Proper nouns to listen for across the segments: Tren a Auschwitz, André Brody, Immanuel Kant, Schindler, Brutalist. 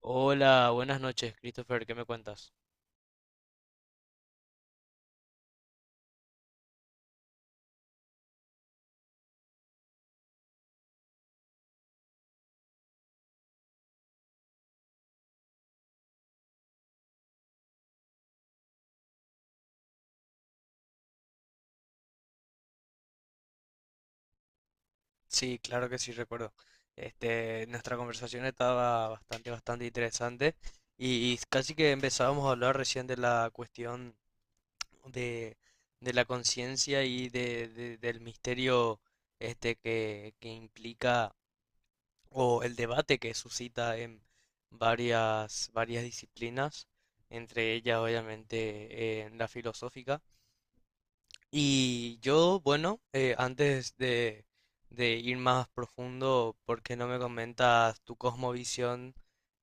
Hola, buenas noches, Christopher, ¿qué me cuentas? Sí, claro que sí, recuerdo. Nuestra conversación estaba bastante interesante y casi que empezábamos a hablar recién de la cuestión de, de la conciencia y del misterio que implica o el debate que suscita en varias disciplinas, entre ellas obviamente en la filosófica. Y yo, bueno, antes de ir más profundo, ¿por qué no me comentas tu cosmovisión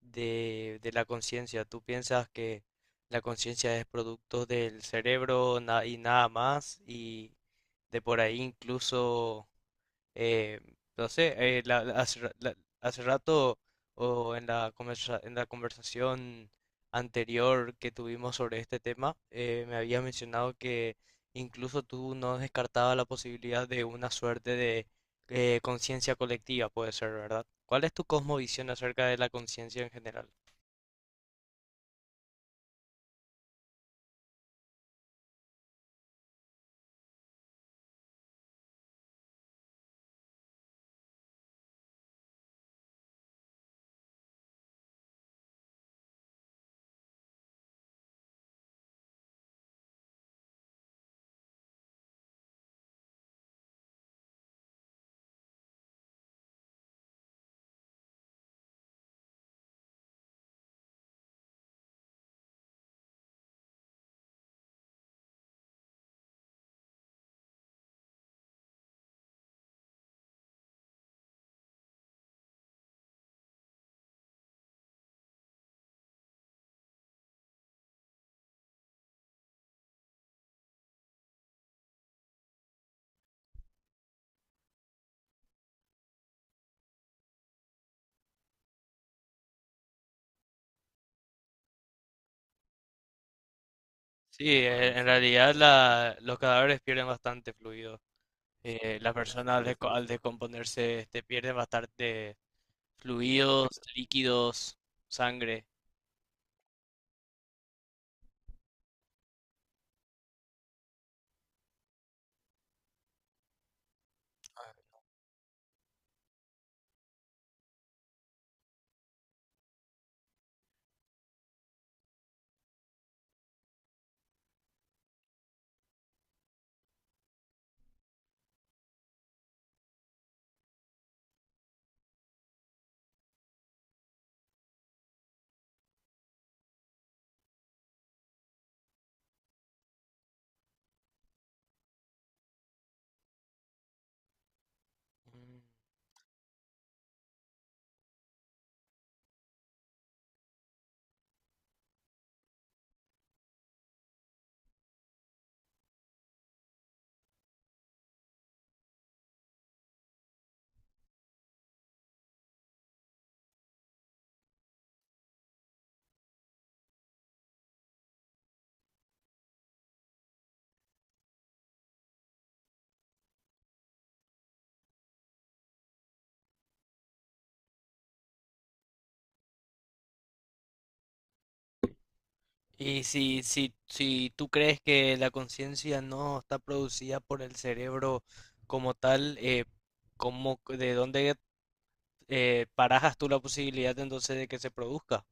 de la conciencia? ¿Tú piensas que la conciencia es producto del cerebro y nada más? Y de por ahí incluso eh, no sé, hace rato o en la en la conversación anterior que tuvimos sobre este tema, me habías mencionado que incluso tú no descartabas la posibilidad de una suerte de conciencia colectiva, puede ser, ¿verdad? ¿Cuál es tu cosmovisión acerca de la conciencia en general? Sí, en realidad los cadáveres pierden bastante fluido. Las personas al descomponerse, pierden bastante fluidos, líquidos, sangre. Mm. Si tú crees que la conciencia no está producida por el cerebro como tal, ¿ de dónde barajas tú la posibilidad entonces de que se produzca?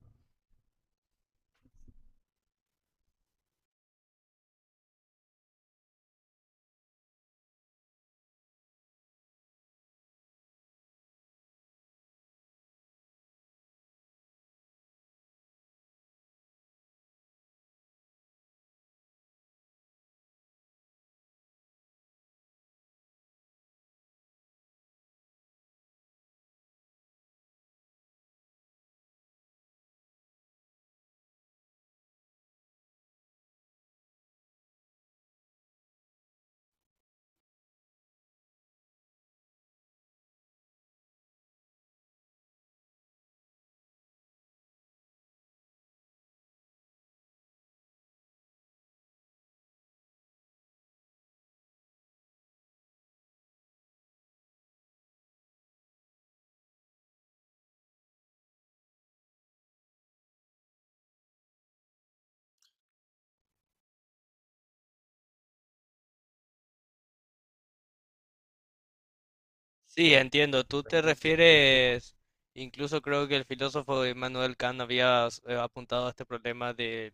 Sí, entiendo. Incluso creo que el filósofo Immanuel Kant había apuntado a este problema de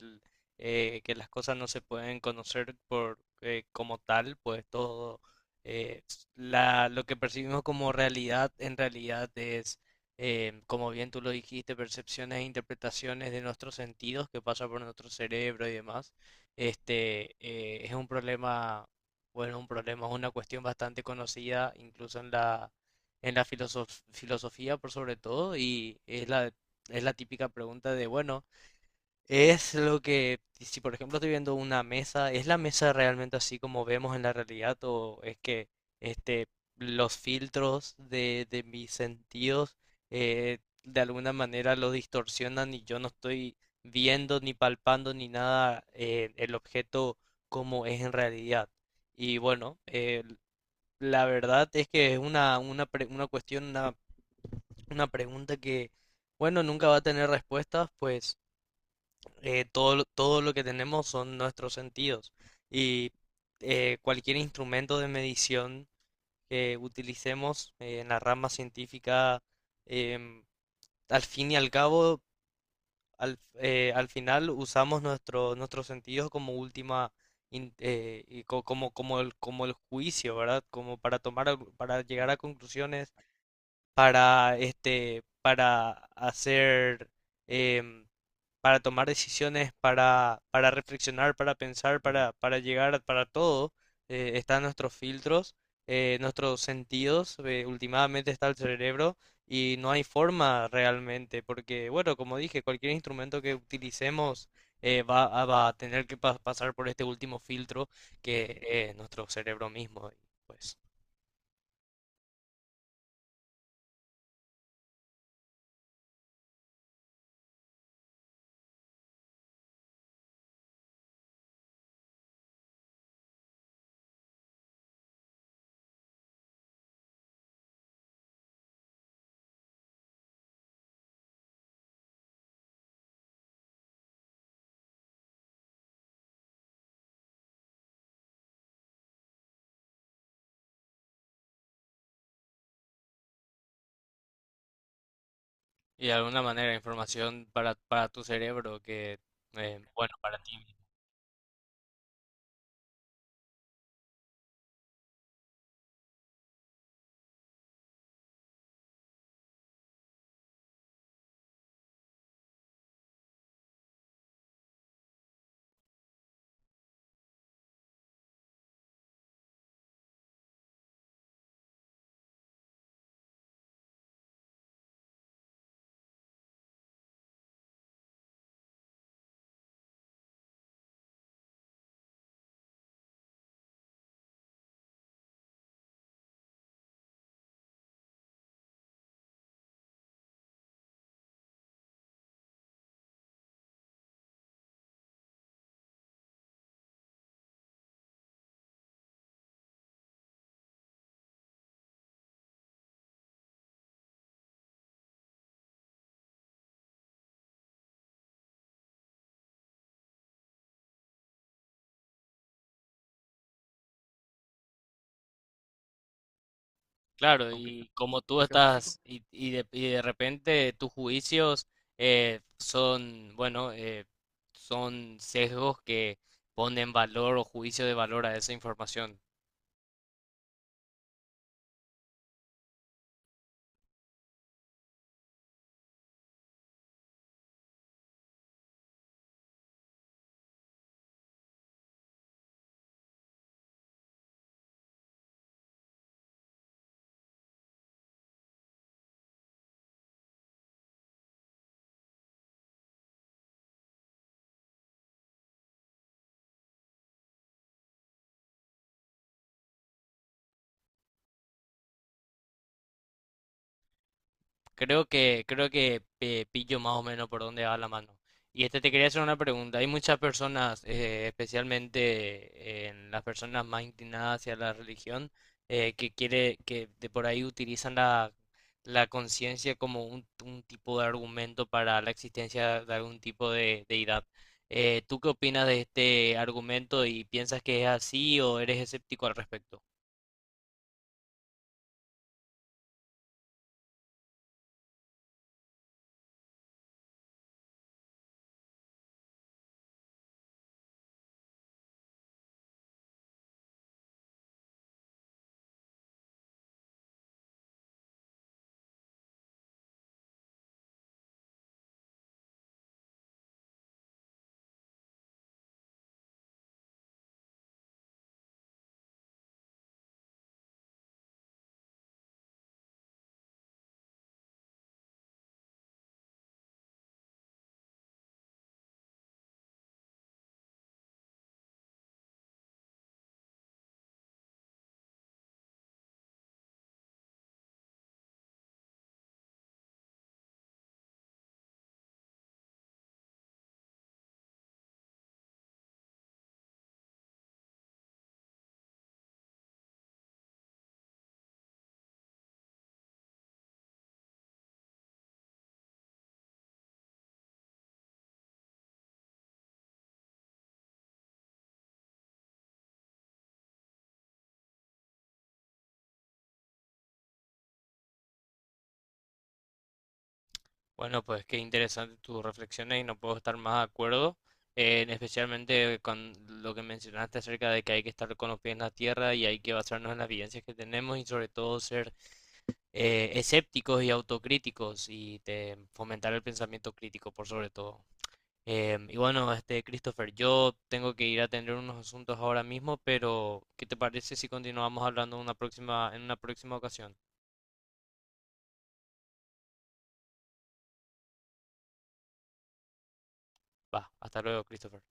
que las cosas no se pueden conocer por como tal, pues todo lo que percibimos como realidad en realidad es, como bien tú lo dijiste, percepciones e interpretaciones de nuestros sentidos que pasa por nuestro cerebro y demás. Este es un problema bueno, Un problema es una cuestión bastante conocida, incluso en en la filosofía por sobre todo, y es es la típica pregunta de, bueno, es lo que, si por ejemplo estoy viendo una mesa, ¿es la mesa realmente así como vemos en la realidad o es que este, los filtros de mis sentidos de alguna manera lo distorsionan y yo no estoy viendo ni palpando ni nada el objeto como es en realidad? Y bueno, la verdad es que es una cuestión, una pregunta bueno, nunca va a tener respuestas, pues todo lo que tenemos son nuestros sentidos y cualquier instrumento de medición que utilicemos en la rama científica, em, al fin y al cabo, al final usamos nuestros sentidos como última, in- y co- como, como como el juicio, ¿verdad? Como para tomar, para llegar a conclusiones, para para hacer, em, para tomar decisiones, para reflexionar, para pensar, para llegar, para todo, están nuestros filtros, nuestros sentidos, últimamente está el cerebro y no hay forma realmente, porque bueno, como dije, cualquier instrumento que utilicemos va a tener que pasar por este último filtro que es nuestro cerebro mismo, y, pues. Y de alguna manera información para tu cerebro que, bueno, para ti mismo. Claro, y como tú estás, y de repente tus juicios bueno, son sesgos que ponen valor o juicio de valor a esa información. Creo que pillo más o menos por dónde va la mano. Y este te quería hacer una pregunta. Hay muchas personas, especialmente en las personas más inclinadas hacia la religión, que quiere, que de por ahí utilizan la conciencia como un tipo de argumento para la existencia de algún tipo de deidad. ¿Tú qué opinas de este argumento y piensas que es así o eres escéptico al respecto? Bueno, pues qué interesante tus reflexiones y no puedo estar más de acuerdo, en especialmente con lo que mencionaste acerca de que hay que estar con los pies en la tierra y hay que basarnos en las evidencias que tenemos y sobre todo ser escépticos y autocríticos y fomentar el pensamiento crítico por sobre todo. Y bueno, este Christopher, yo tengo que ir a atender unos asuntos ahora mismo, pero ¿qué te parece si continuamos hablando en una próxima ocasión? Va, hasta luego, Christopher.